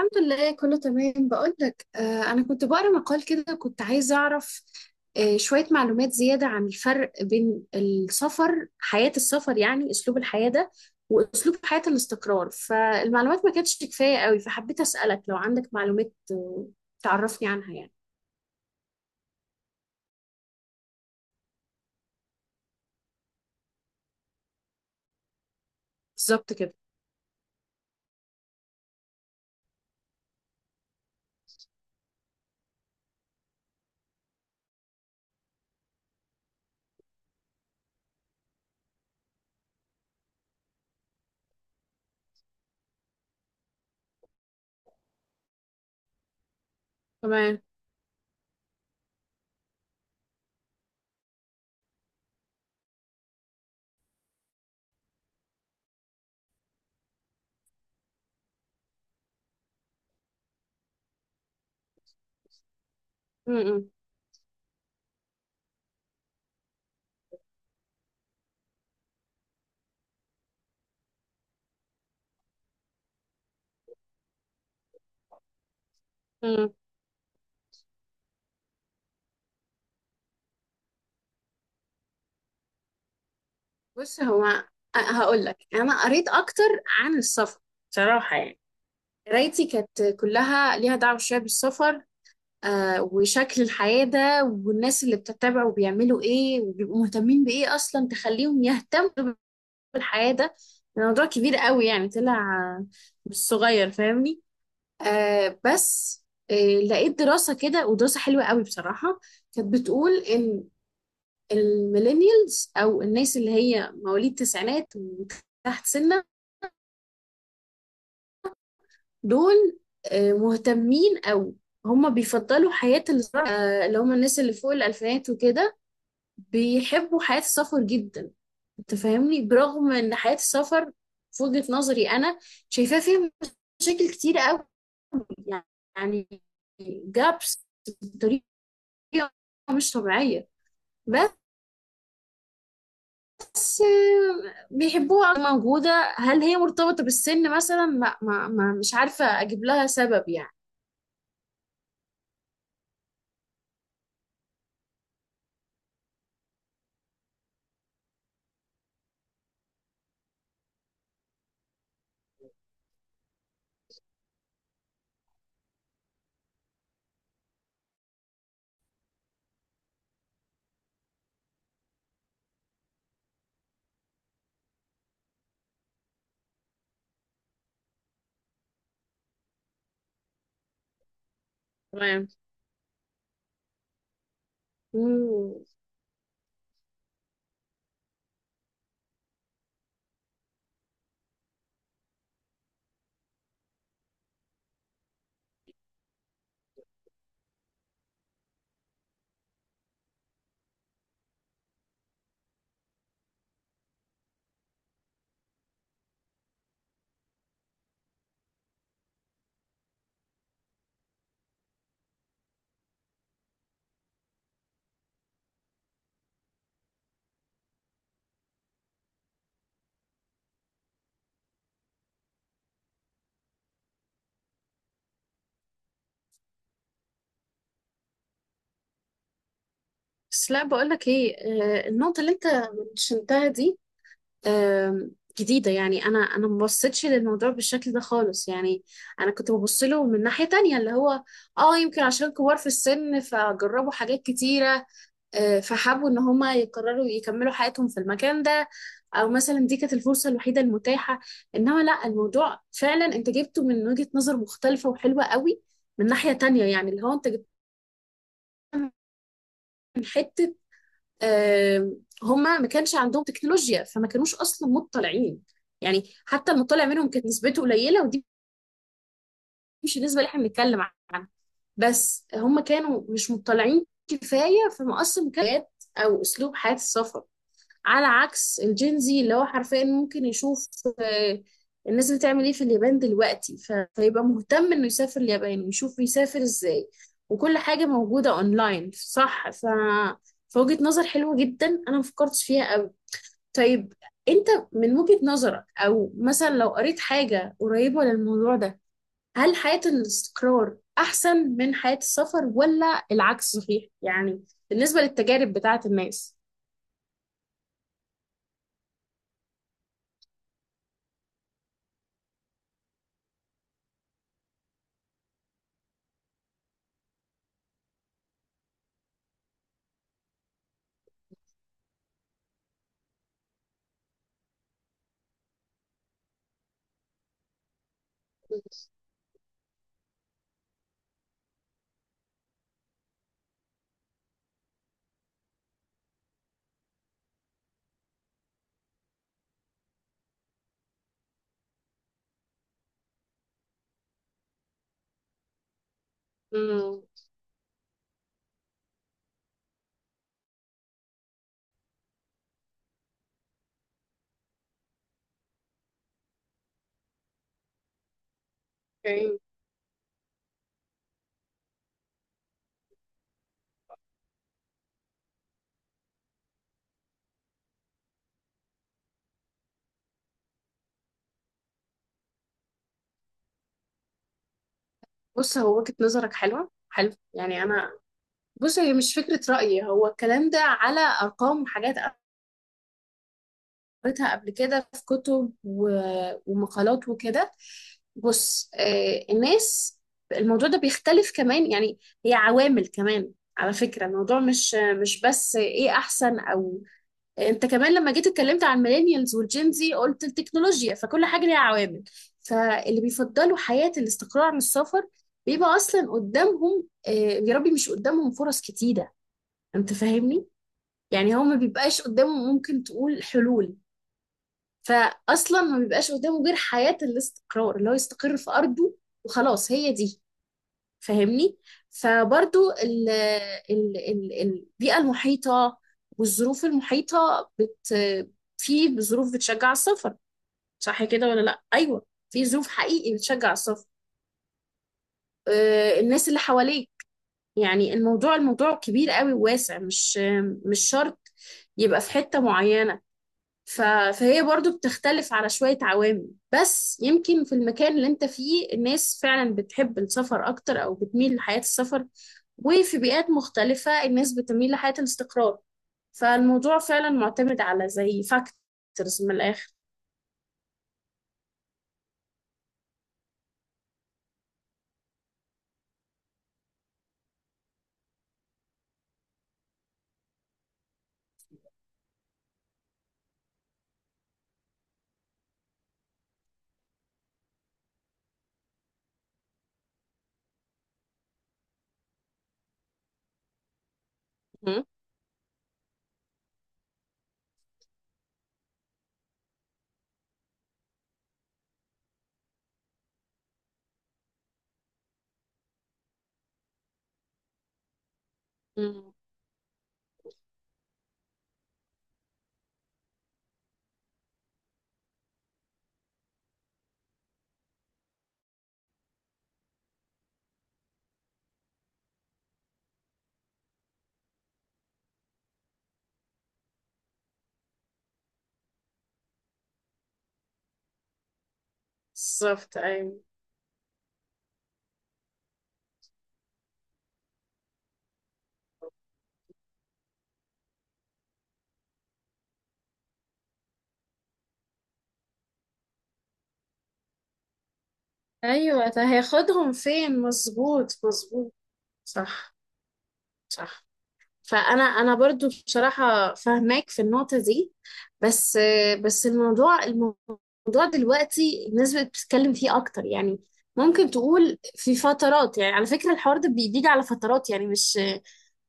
الحمد لله، كله تمام. بقولك أنا كنت بقرأ مقال كده، كنت عايزة أعرف شوية معلومات زيادة عن الفرق بين السفر، حياة السفر يعني أسلوب الحياة ده، وأسلوب حياة الاستقرار. فالمعلومات ما كانتش كفاية قوي، فحبيت أسألك لو عندك معلومات تعرفني عنها يعني. بالظبط كده. تمام. م- م- م. بص، هو هقولك، أنا قريت أكتر عن السفر بصراحة يعني، قرايتي كانت كلها ليها دعوة شوية بالسفر وشكل الحياة ده، والناس اللي بتتبع وبيعملوا ايه وبيبقوا مهتمين بايه اصلا تخليهم يهتموا بالحياة ده. الموضوع كبير قوي يعني، طلع آه، مش صغير فاهمني. بس آه لقيت دراسة كده، ودراسة حلوة قوي بصراحة، كانت بتقول ان الميلينيالز او الناس اللي هي مواليد التسعينات وتحت سنة دول مهتمين، او هما بيفضلوا حياة الزراعة، اللي هما الناس اللي فوق الألفينات وكده بيحبوا حياة السفر جدا. انت فاهمني، برغم ان حياة السفر في وجهة نظري انا شايفاها فيها مشاكل كتير قوي يعني، جابس بطريقة مش طبيعية. بس بيحبوها موجودة. هل هي مرتبطة بالسن مثلا؟ لا، ما مش عارفة اجيب لها سبب يعني. تمام. مم. بس لا، بقولك ايه، النقطة اللي انت منشنتها دي آم، جديدة يعني. أنا ما بصيتش للموضوع بالشكل ده خالص يعني. أنا كنت ببص له من ناحية تانية، اللي هو يمكن عشان كبار في السن فجربوا حاجات كتيرة، فحبوا إن هما يقرروا يكملوا حياتهم في المكان ده، أو مثلا دي كانت الفرصة الوحيدة المتاحة. إنما لأ، الموضوع فعلا أنت جبته من وجهة نظر مختلفة وحلوة قوي من ناحية تانية، يعني اللي هو أنت جبته من حتة، آه، هما ما كانش عندهم تكنولوجيا، فما كانوش اصلا مطلعين. يعني حتى المطلع منهم كانت نسبته قليله، ودي مش النسبه اللي احنا بنتكلم عنها. بس هما كانوا مش مطلعين كفايه، فما اصلا مكانت او اسلوب حياه السفر، على عكس الجينزي اللي هو حرفيا ممكن يشوف آه، الناس بتعمل ايه في اليابان دلوقتي. فيبقى مهتم انه يسافر اليابان ويشوف يسافر ازاي، وكل حاجه موجوده اونلاين صح. فوجهة نظر حلوة جدا أنا مفكرتش فيها. طيب، انت من وجهة نظرك، او مثلا لو قريت حاجة قريبة للموضوع ده، هل حياة الاستقرار احسن من حياة السفر ولا العكس صحيح، يعني بالنسبة للتجارب بتاعة الناس؟ امم. اوكي. بص، هو وجهة نظرك حلوة، حلو يعني. انا بص، هي مش فكرة رأيي، هو الكلام ده على ارقام وحاجات قريتها قبل كده في كتب ومقالات وكده. بص الناس الموضوع ده بيختلف كمان يعني، هي عوامل كمان. على فكرة الموضوع مش بس ايه احسن، او انت كمان لما جيت اتكلمت عن الميلينيالز والجينزي قلت التكنولوجيا، فكل حاجة ليها عوامل. فاللي بيفضلوا حياة الاستقرار عن السفر بيبقى اصلا قدامهم، يا ربي، مش قدامهم فرص كتيرة، انت فاهمني. يعني هو ما بيبقاش قدامه ممكن تقول حلول، فاصلا ما بيبقاش قدامه غير حياه الاستقرار، اللي هو يستقر في ارضه وخلاص هي دي فاهمني. فبرضو ال ال ال البيئه المحيطه والظروف المحيطه في ظروف بتشجع السفر، صح كده ولا لا؟ ايوه، في ظروف حقيقي بتشجع السفر، الناس اللي حواليك يعني. الموضوع الموضوع كبير قوي وواسع، مش شرط يبقى في حتة معينة. ف... فهي برضو بتختلف على شوية عوامل، بس يمكن في المكان اللي انت فيه الناس فعلا بتحب السفر اكتر او بتميل لحياة السفر، وفي بيئات مختلفة الناس بتميل لحياة الاستقرار. فالموضوع فعلا معتمد على زي فاكتورز من الاخر. مم. مم. بالظبط، ايوه، ايوه ده هياخدهم فين؟ مظبوط مظبوط. صح. صح. فانا برضو بصراحه فاهماك في النقطه دي. بس بس الموضوع الموضوع دلوقتي الناس بقت بتتكلم فيه اكتر يعني، ممكن تقول في فترات. يعني على فكرة الحوار ده بيجي على فترات، يعني مش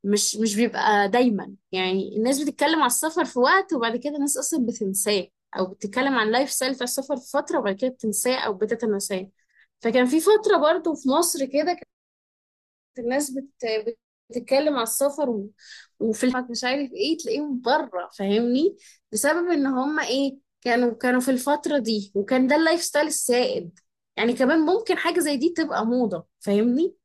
مش مش بيبقى دايما. يعني الناس بتتكلم على السفر في وقت، وبعد كده الناس اصلا بتنساه، او بتتكلم عن لايف ستايل بتاع السفر في فترة وبعد كده بتنساه او بتتناساه. فكان في فترة برضو في مصر كده الناس بتتكلم على السفر، وفي الحج مش عارف ايه تلاقيهم بره فاهمني، بسبب ان هم ايه كانوا في الفترة دي، وكان ده اللايف ستايل السائد. يعني كمان ممكن حاجة زي دي تبقى موضة فاهمني،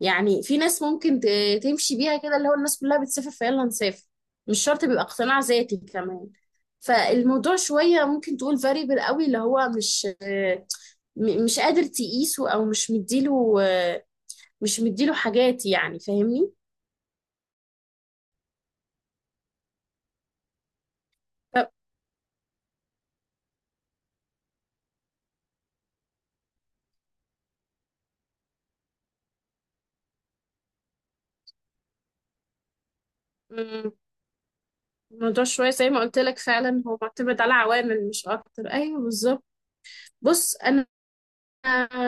يعني في ناس ممكن تمشي بيها كده، اللي هو الناس كلها بتسافر فيلا نسافر، مش شرط بيبقى اقتناع ذاتي كمان. فالموضوع شوية ممكن تقول فاريبل قوي، اللي هو مش قادر تقيسه، او مش مديله حاجات يعني فاهمني. ف- مم. الموضوع شوية زي ما قلت لك، فعلا هو معتمد على عوامل مش أكتر. أيوه بالظبط. بص أنا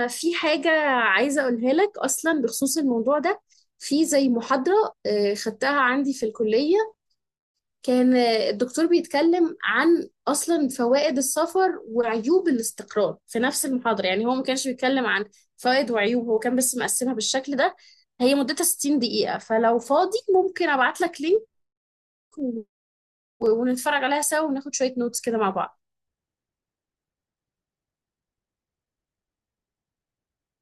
في حاجة عايزة أقولها لك أصلا بخصوص الموضوع ده. في زي محاضرة خدتها عندي في الكلية، كان الدكتور بيتكلم عن أصلا فوائد السفر وعيوب الاستقرار في نفس المحاضرة، يعني هو ما كانش بيتكلم عن فوائد وعيوب، هو كان بس مقسمها بالشكل ده. هي مدتها 60 دقيقة، فلو فاضي ممكن أبعت لك لينك، و- ونتفرج عليها سوا وناخد شوية نوتس كده مع بعض.